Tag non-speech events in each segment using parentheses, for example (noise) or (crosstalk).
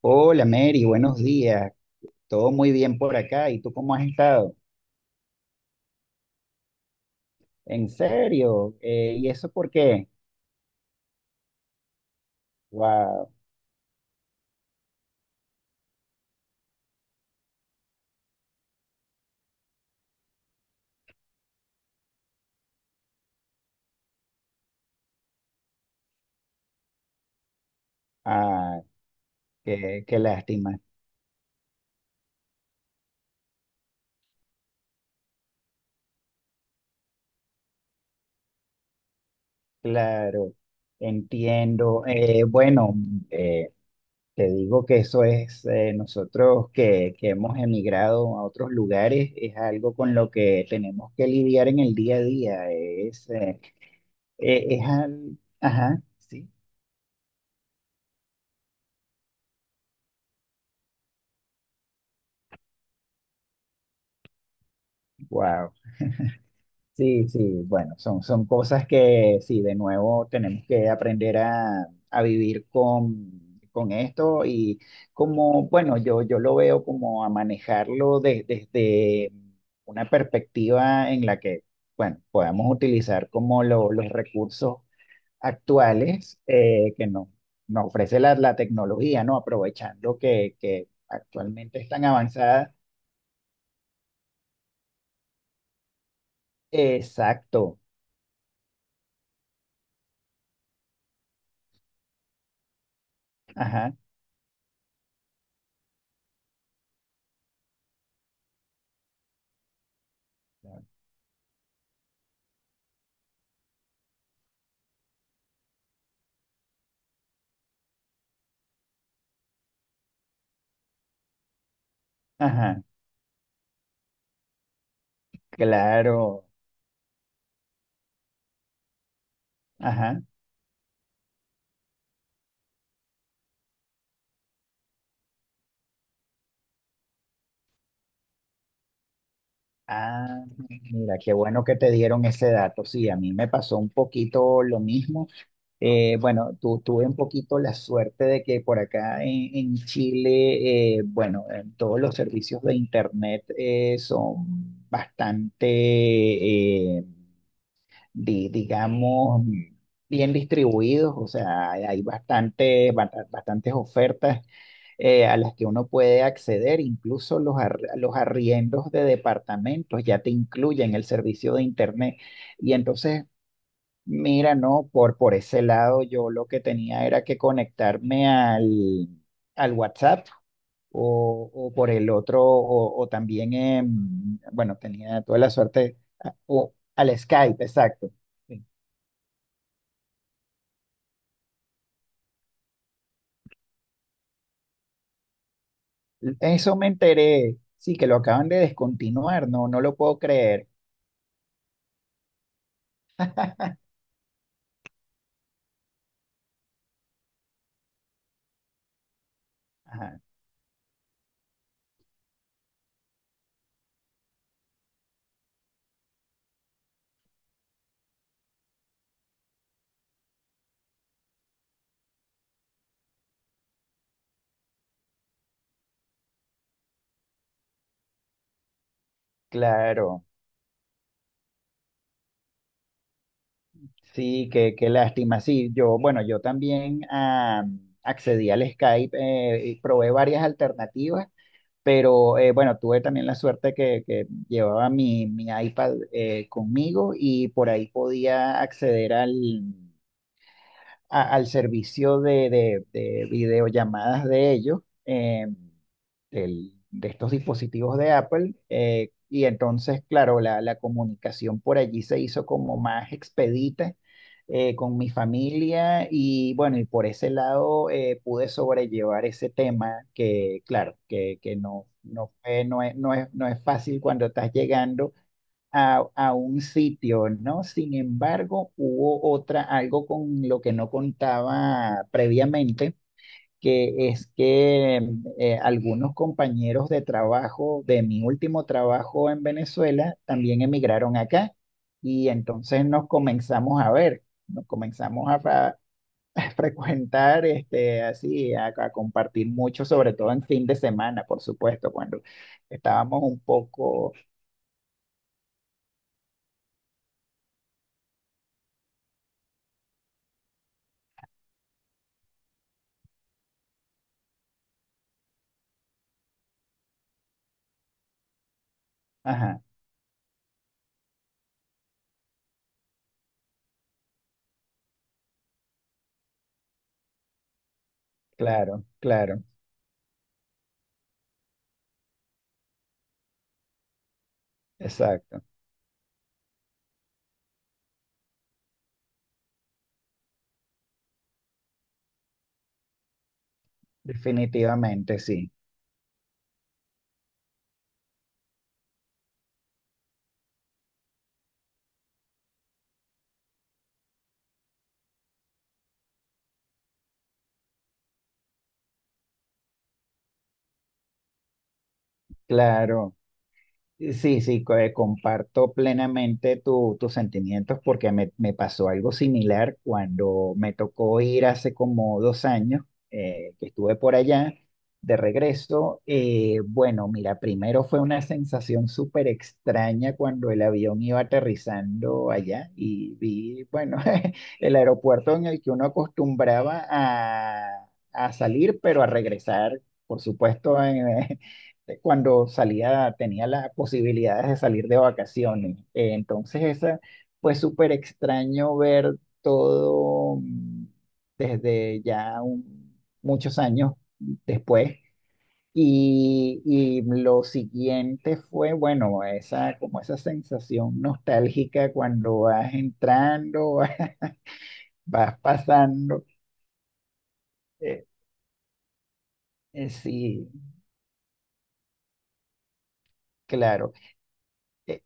Hola Mary, buenos días. Todo muy bien por acá. ¿Y tú cómo has estado? ¿En serio? ¿Y eso por qué? Wow. Ah, qué lástima. Claro, entiendo. Bueno, eh, te digo que eso es, nosotros que hemos emigrado a otros lugares, es algo con lo que tenemos que lidiar en el día a día. Es al... Ajá, sí. Wow. Sí, sí, bueno, son cosas que sí, de nuevo tenemos que aprender a vivir con esto y como, bueno, yo lo veo como a manejarlo desde una perspectiva en la que, bueno, podamos utilizar como los recursos actuales que nos ofrece la tecnología, ¿no? Aprovechando que actualmente es tan avanzada. Exacto, ajá, ajá, claro. Ajá. Ah, mira, qué bueno que te dieron ese dato. Sí, a mí me pasó un poquito lo mismo. Bueno, tuve un poquito la suerte de que por acá en Chile, bueno, todos los servicios de Internet son bastante, eh, digamos, bien distribuidos, o sea, hay hay bastante, bastantes ofertas a las que uno puede acceder, incluso los, los arriendos de departamentos ya te incluyen el servicio de internet. Y entonces, mira, no, por ese lado yo lo que tenía era que conectarme al WhatsApp. O por el otro, o también, bueno, tenía toda la suerte, ah, o al Skype, exacto. Eso me enteré. Sí, que lo acaban de descontinuar, no, no lo puedo creer. Ajá, claro. Sí, qué, qué lástima. Sí, yo, bueno, yo también ah, accedí al Skype, y probé varias alternativas, pero bueno, tuve también la suerte que llevaba mi, mi iPad conmigo y por ahí podía acceder al servicio de, de videollamadas de ellos, de estos dispositivos de Apple. Y entonces, claro, la comunicación por allí se hizo como más expedita con mi familia y bueno, y por ese lado pude sobrellevar ese tema que, claro, que no, no, no es, no es, no es fácil cuando estás llegando a un sitio, ¿no? Sin embargo, hubo otra, algo con lo que no contaba previamente, que es que algunos compañeros de trabajo, de mi último trabajo en Venezuela, también emigraron acá y entonces nos comenzamos a ver, nos comenzamos a, fra- (laughs) a frecuentar, este, así, a compartir mucho, sobre todo en fin de semana, por supuesto, cuando estábamos un poco, ajá, claro, claro. Exacto, definitivamente sí. Claro, sí, sí, comparto plenamente tus sentimientos porque me pasó algo similar cuando me tocó ir hace como 2 años que estuve por allá de regreso. Bueno, mira, primero fue una sensación súper extraña cuando el avión iba aterrizando allá y vi, bueno, (laughs) el aeropuerto en el que uno acostumbraba a salir, pero a regresar, por supuesto, en, cuando salía, tenía las posibilidades de salir de vacaciones. Entonces, esa fue súper extraño ver todo desde ya muchos años después. Y lo siguiente fue, bueno, esa, como esa sensación nostálgica cuando vas entrando, (laughs) vas pasando. eh, sí, claro. Eh,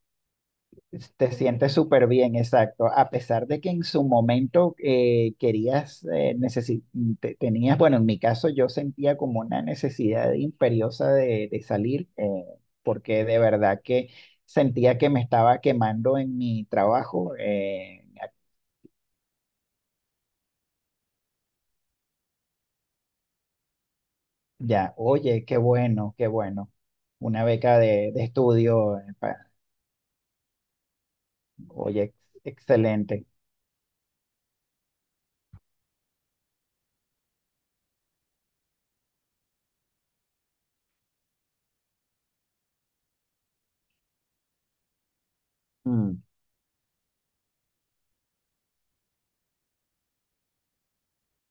Te sientes súper bien, exacto. A pesar de que en su momento querías, tenías, bueno, en mi caso yo sentía como una necesidad imperiosa de salir, porque de verdad que sentía que me estaba quemando en mi trabajo. Ya, oye, qué bueno, qué bueno. Una beca de estudio, pa- oye, ex- excelente. Mm,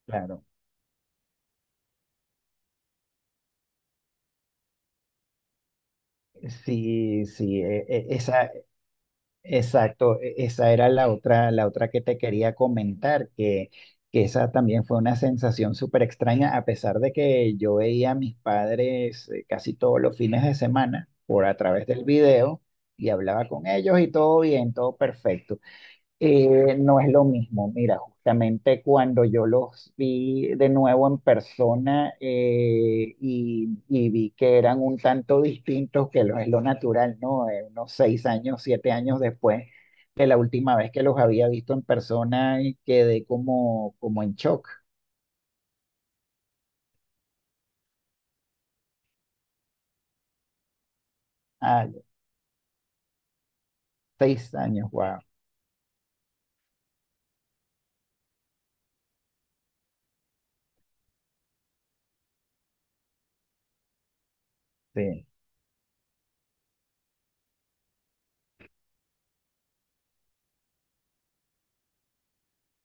claro. Sí, sí, esa, exacto, esa era la otra que te quería comentar, que esa también fue una sensación súper extraña, a pesar de que yo veía a mis padres casi todos los fines de semana por a través del video y hablaba con ellos y todo bien, todo perfecto. No es lo mismo. Mira, justamente cuando yo los vi de nuevo en persona y vi que eran un tanto distintos, que lo es lo natural, ¿no? Unos 6 años, 7 años después de la última vez que los había visto en persona, y quedé como, como en shock. Ah, 6 años, wow.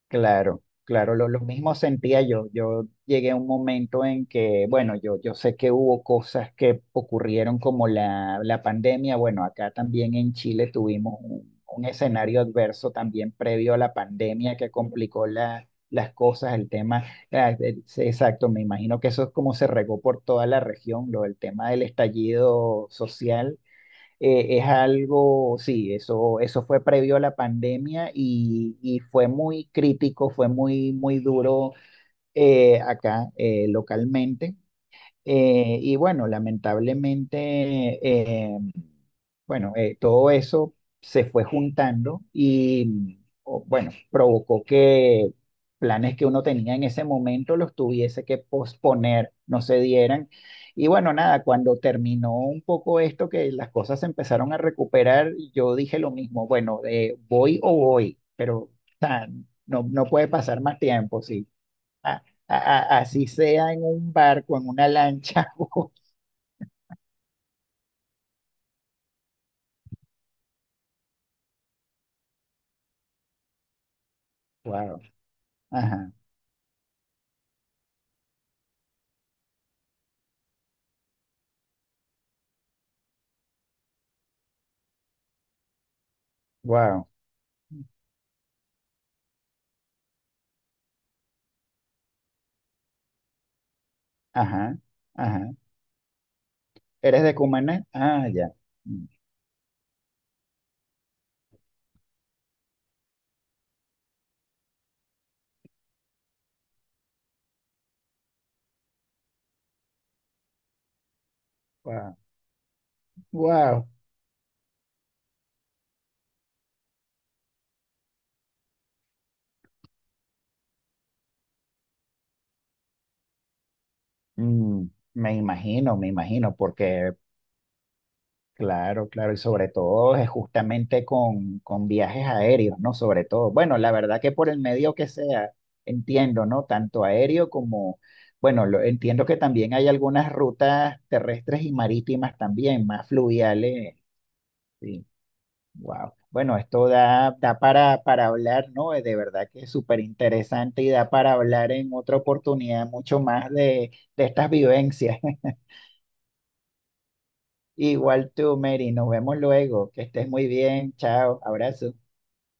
Claro, claro, lo mismo sentía yo. Yo llegué a un momento en que, bueno, yo sé que hubo cosas que ocurrieron como la pandemia. Bueno, acá también en Chile tuvimos un escenario adverso también previo a la pandemia que complicó las cosas, el tema, ah, sí, exacto, me imagino que eso es como se regó por toda la región, lo del tema del estallido social es algo, sí, eso fue previo a la pandemia y fue muy crítico, fue muy, muy duro acá localmente. Y bueno, lamentablemente, eh, bueno, todo eso se fue juntando y, o- bueno, provocó que planes que uno tenía en ese momento los tuviese que posponer, no se dieran. Y bueno, nada, cuando terminó un poco esto, que las cosas se empezaron a recuperar, yo dije lo mismo, bueno, voy o voy, pero o sea, no, no puede pasar más tiempo, sí a- a- así sea en un barco, en una lancha. (laughs) Wow. Ajá. Wow. Ajá. Ajá. ¿Eres de Cumaná? Ah, ya. Wow. Wow. Me imagino, me imagino, porque claro, claro, y sobre todo es justamente con viajes aéreos, ¿no? Sobre todo. Bueno, la verdad que por el medio que sea, entiendo, ¿no? Tanto aéreo como, bueno, lo, entiendo que también hay algunas rutas terrestres y marítimas también, más fluviales. Sí, wow. Bueno, esto da, da para hablar, ¿no? De verdad que es súper interesante y da para hablar en otra oportunidad mucho más de estas vivencias. (laughs) Igual tú, Mary, nos vemos luego. Que estés muy bien. Chao, abrazo.